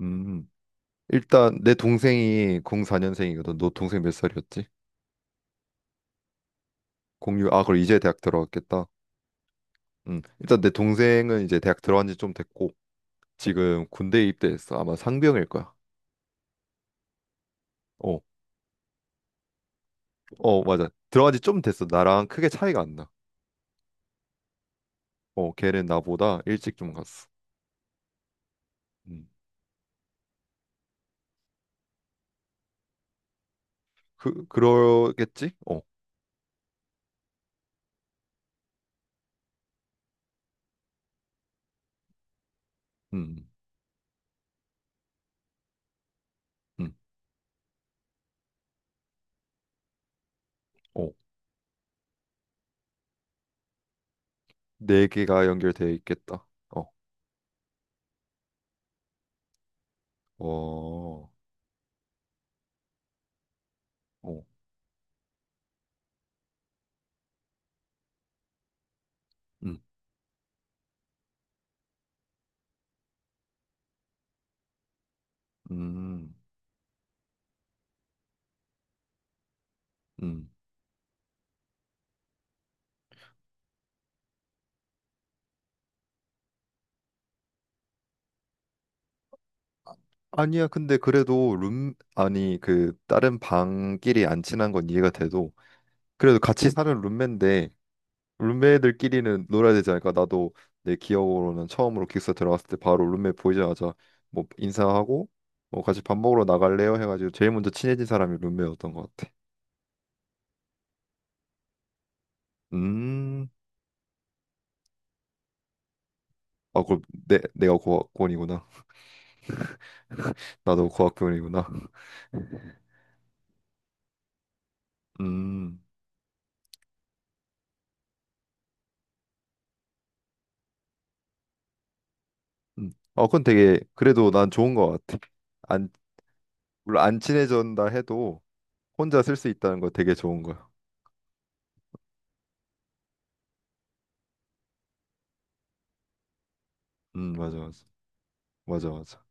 음, 일단 내 동생이 04년생이거든. 너 동생 몇 살이었지? 공유 아, 그럼 이제 대학 들어갔겠다. 일단 내 동생은 이제 대학 들어간 지 좀 됐고 지금 군대 입대했어. 아마 상병일 거야. 어, 어, 맞아. 들어간 지 좀 됐어. 나랑 크게 차이가 안 나. 어, 걔는 나보다 일찍 좀 갔어. 음, 그러겠지? 어, 음, 음, 음. 어, 네 개가 연결되어 있겠다. 어, 어, 어, 음, 음, 음. 아니야, 근데 그래도 아니, 그, 다른 방끼리 안 친한 건 이해가 돼도, 그래도 같이 사는 룸메인데, 룸메들끼리는 놀아야 되지 않을까? 나도 내 기억으로는 처음으로 기숙사 들어갔을 때 바로 룸메 보이자마자 뭐 인사하고, 뭐 같이 밥 먹으러 나갈래요? 해가지고 제일 먼저 친해진 사람이 룸메였던 것 같아. 음, 아, 그럼 내가 고학번이구나. 나도 고학번이구나. 음, 어, 그건 되게, 그래도 난 좋은 것 같아. 안, 물론 안 친해진다 해도, 혼자 쓸 수 있다는 거 되게 좋은 거야. 맞아, 맞아. 맞아, 맞아.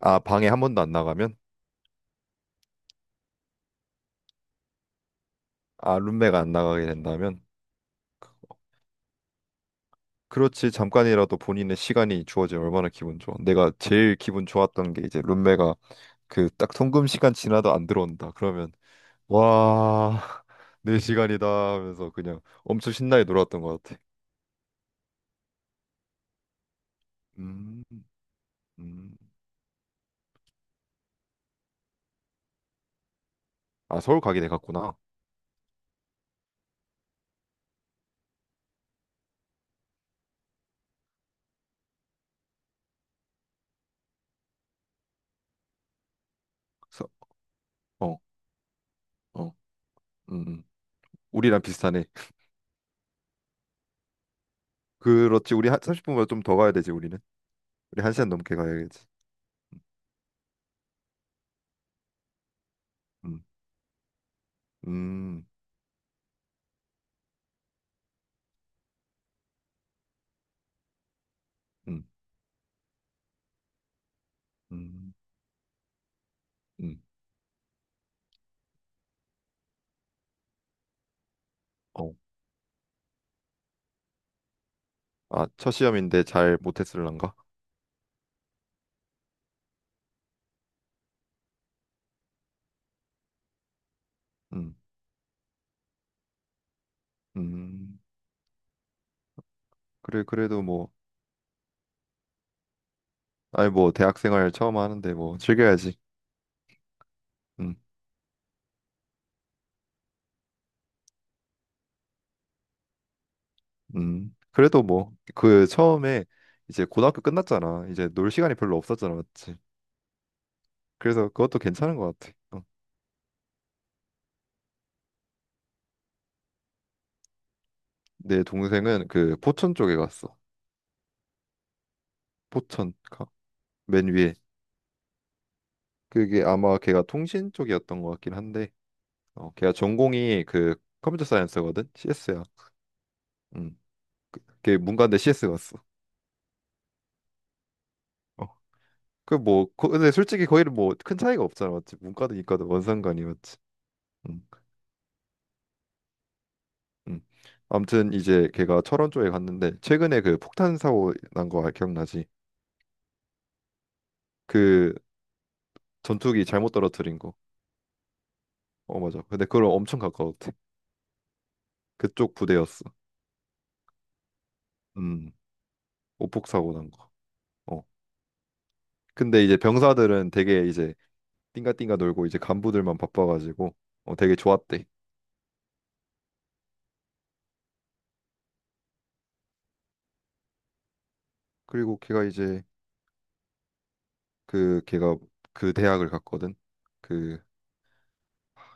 아, 방에 한 번도 안 나가면? 아, 룸메가 안 나가게 된다면? 그- 그렇지, 잠깐이라도 본인의 시간이 주어지면 얼마나 기분 좋아. 내가 제일 기분 좋았던 게 이제 룸메가 그 딱 통금 시간 지나도 안 들어온다. 그러면, 와, 내 시간이다 하면서 그냥 엄청 신나게 놀았던 것 같아. 음, 음. 아, 서울 가게 돼 갔구나. 서, 어, 어, 음, 음. 우리랑 비슷하네. 그렇지, 우리 한 30분보다 좀 더 가야 되지, 우리는. 우리 1시간 넘게 가야겠지. 음, 음, 음, 음, 음. 어. 아, 첫 시험인데 잘 못했을란가? 음, 음. 그래, 그래도 뭐, 아니 뭐 대학생활 처음 하는데 뭐 즐겨야지. 음, 그래도 뭐 그 처음에 이제 고등학교 끝났잖아. 이제 놀 시간이 별로 없었잖아, 맞지? 그래서 그것도 괜찮은 것 같아. 어. 내 동생은 그 포천 쪽에 갔어. 포천, 가- 맨 위에. 그게 아마 걔가 통신 쪽이었던 것 같긴 한데. 어, 걔가 전공이 그 컴퓨터 사이언스거든. CS야. 음. 걔 문과인데 CS 갔어. 어. 그 뭐 근데 솔직히 거기는 뭐 큰 차이가 없잖아. 맞지? 문과도 이과도 뭔 상관이 맞지? 음. 음. 아무튼 이제 걔가 철원 쪽에 갔는데 최근에 그 폭탄 사고 난거 아, 기억나지? 그 전투기 잘못 떨어뜨린 거. 어, 맞아. 근데 그걸 엄청 가까웠대. 그쪽 부대였어. 음. 오폭 사고 난 거. 어. 근데 이제 병사들은 되게 이제 띵가띵가 놀고 이제 간부들만 바빠가지고 어 되게 좋았대. 그리고 걔가 이제 그 걔가 그 대학을 갔거든. 그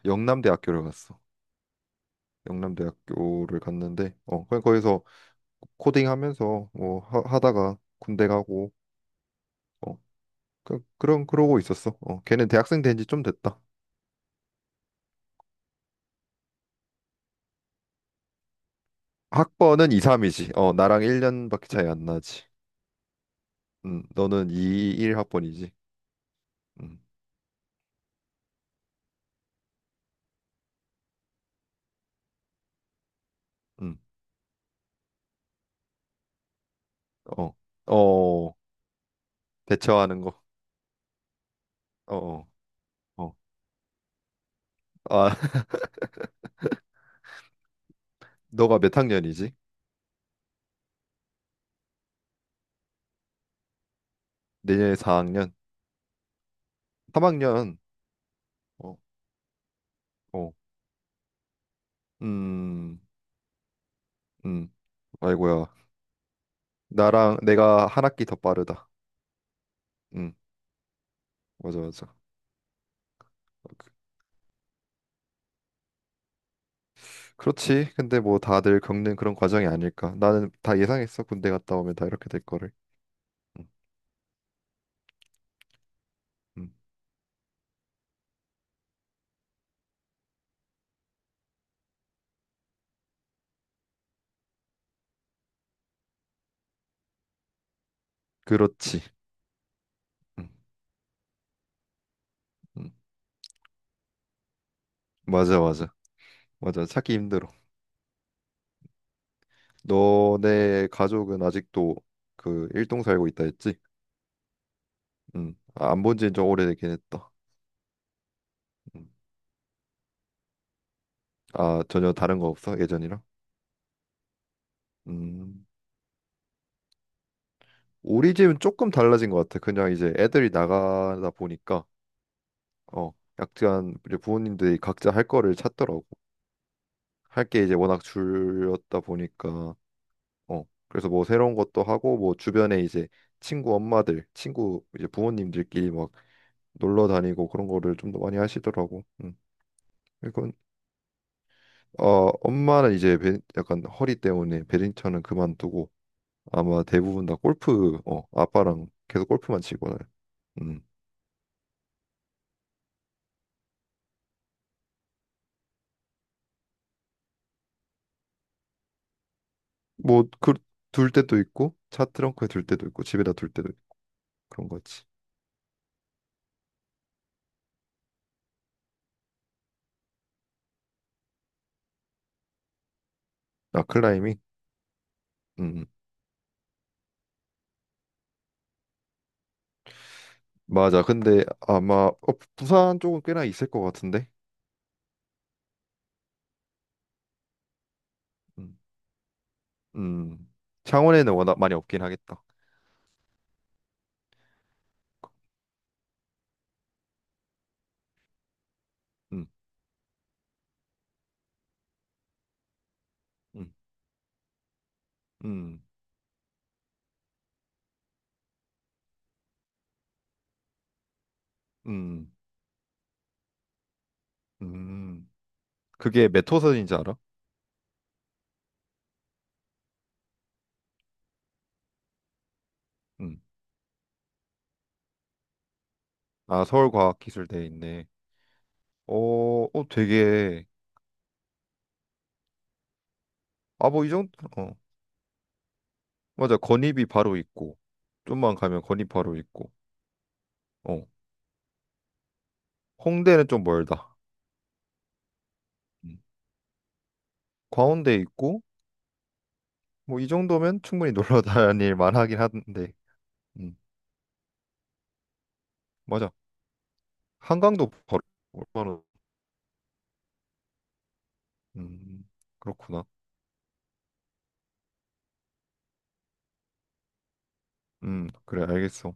영남대학교를 갔어. 영남대학교를 갔는데 어 그냥 거기서 코딩하면서 하다가 군대 가고 어 그, 그런 그러고 있었어. 어 걔는 대학생 된 지 좀 됐다. 학번은 2, 3이지. 어 나랑 1년밖에 차이 안 나지. 너는 2, 1 학번이지. 음. 음. 어. 어 대처하는 거. 어. 어. 어. 아 너가 몇 학년이지? 내년에 4학년. 3학년. 어. 음, 음, 아이고야. 나랑 내가 1학기 더 빠르다. 음, 맞아, 맞아. 그, 그렇지. 근데 뭐 다들 겪는 그런 과정이 아닐까. 나는 다 예상했어. 군대 갔다 오면 다 이렇게 될 거를. 음, 음. 그렇지. 음, 음. 맞아, 맞아. 맞아. 찾기 힘들어. 너네 가족은 아직도 그 일동 살고 있다 했지? 아, 안본 지는 좀 오래되긴 했다. 음. 아, 전혀 다른 거 없어? 예전이랑? 음. 우리 집은 조금 달라진 것 같아. 그냥 이제 애들이 나가다 보니까 어 약간 우리 부모님들이 각자 할 거를 찾더라고. 할 게 이제 워낙 줄였다 보니까 어 그래서 뭐 새로운 것도 하고 뭐 주변에 이제 친구 엄마들, 친구 이제 부모님들끼리 막 놀러 다니고 그런 거를 좀 더 많이 하시더라고. 음. 이건 어 엄마는 이제 약간 허리 때문에 배드민턴은 그만두고 아마 대부분 다 골프 어 아빠랑 계속 골프만 치거든. 뭐그둘 때도 있고 차 트렁크에 둘 때도 있고 집에다 둘 때도 있고 그런 거지. 아 클라이밍? 음 음. 맞아. 근데 아마 어, 부산 쪽은 꽤나 있을 것 같은데. 음, 음. 창원에는 워낙 많이 없긴 하겠다. 음, 음, 음, 음, 음. 그게 몇 호선인지 알아? 음. 아 서울과학기술대에 있네. 어, 어 되게 아 뭐 이 정도 어 맞아 건입이 바로 있고 좀만 가면 건입 바로 있고 어 홍대는 좀 멀다. 음. 과운대 있고 뭐 이 정도면 충분히 놀러 다닐 만하긴 한데 음 맞아 한강도 바로 얼마나 음 그렇구나 그래 알겠어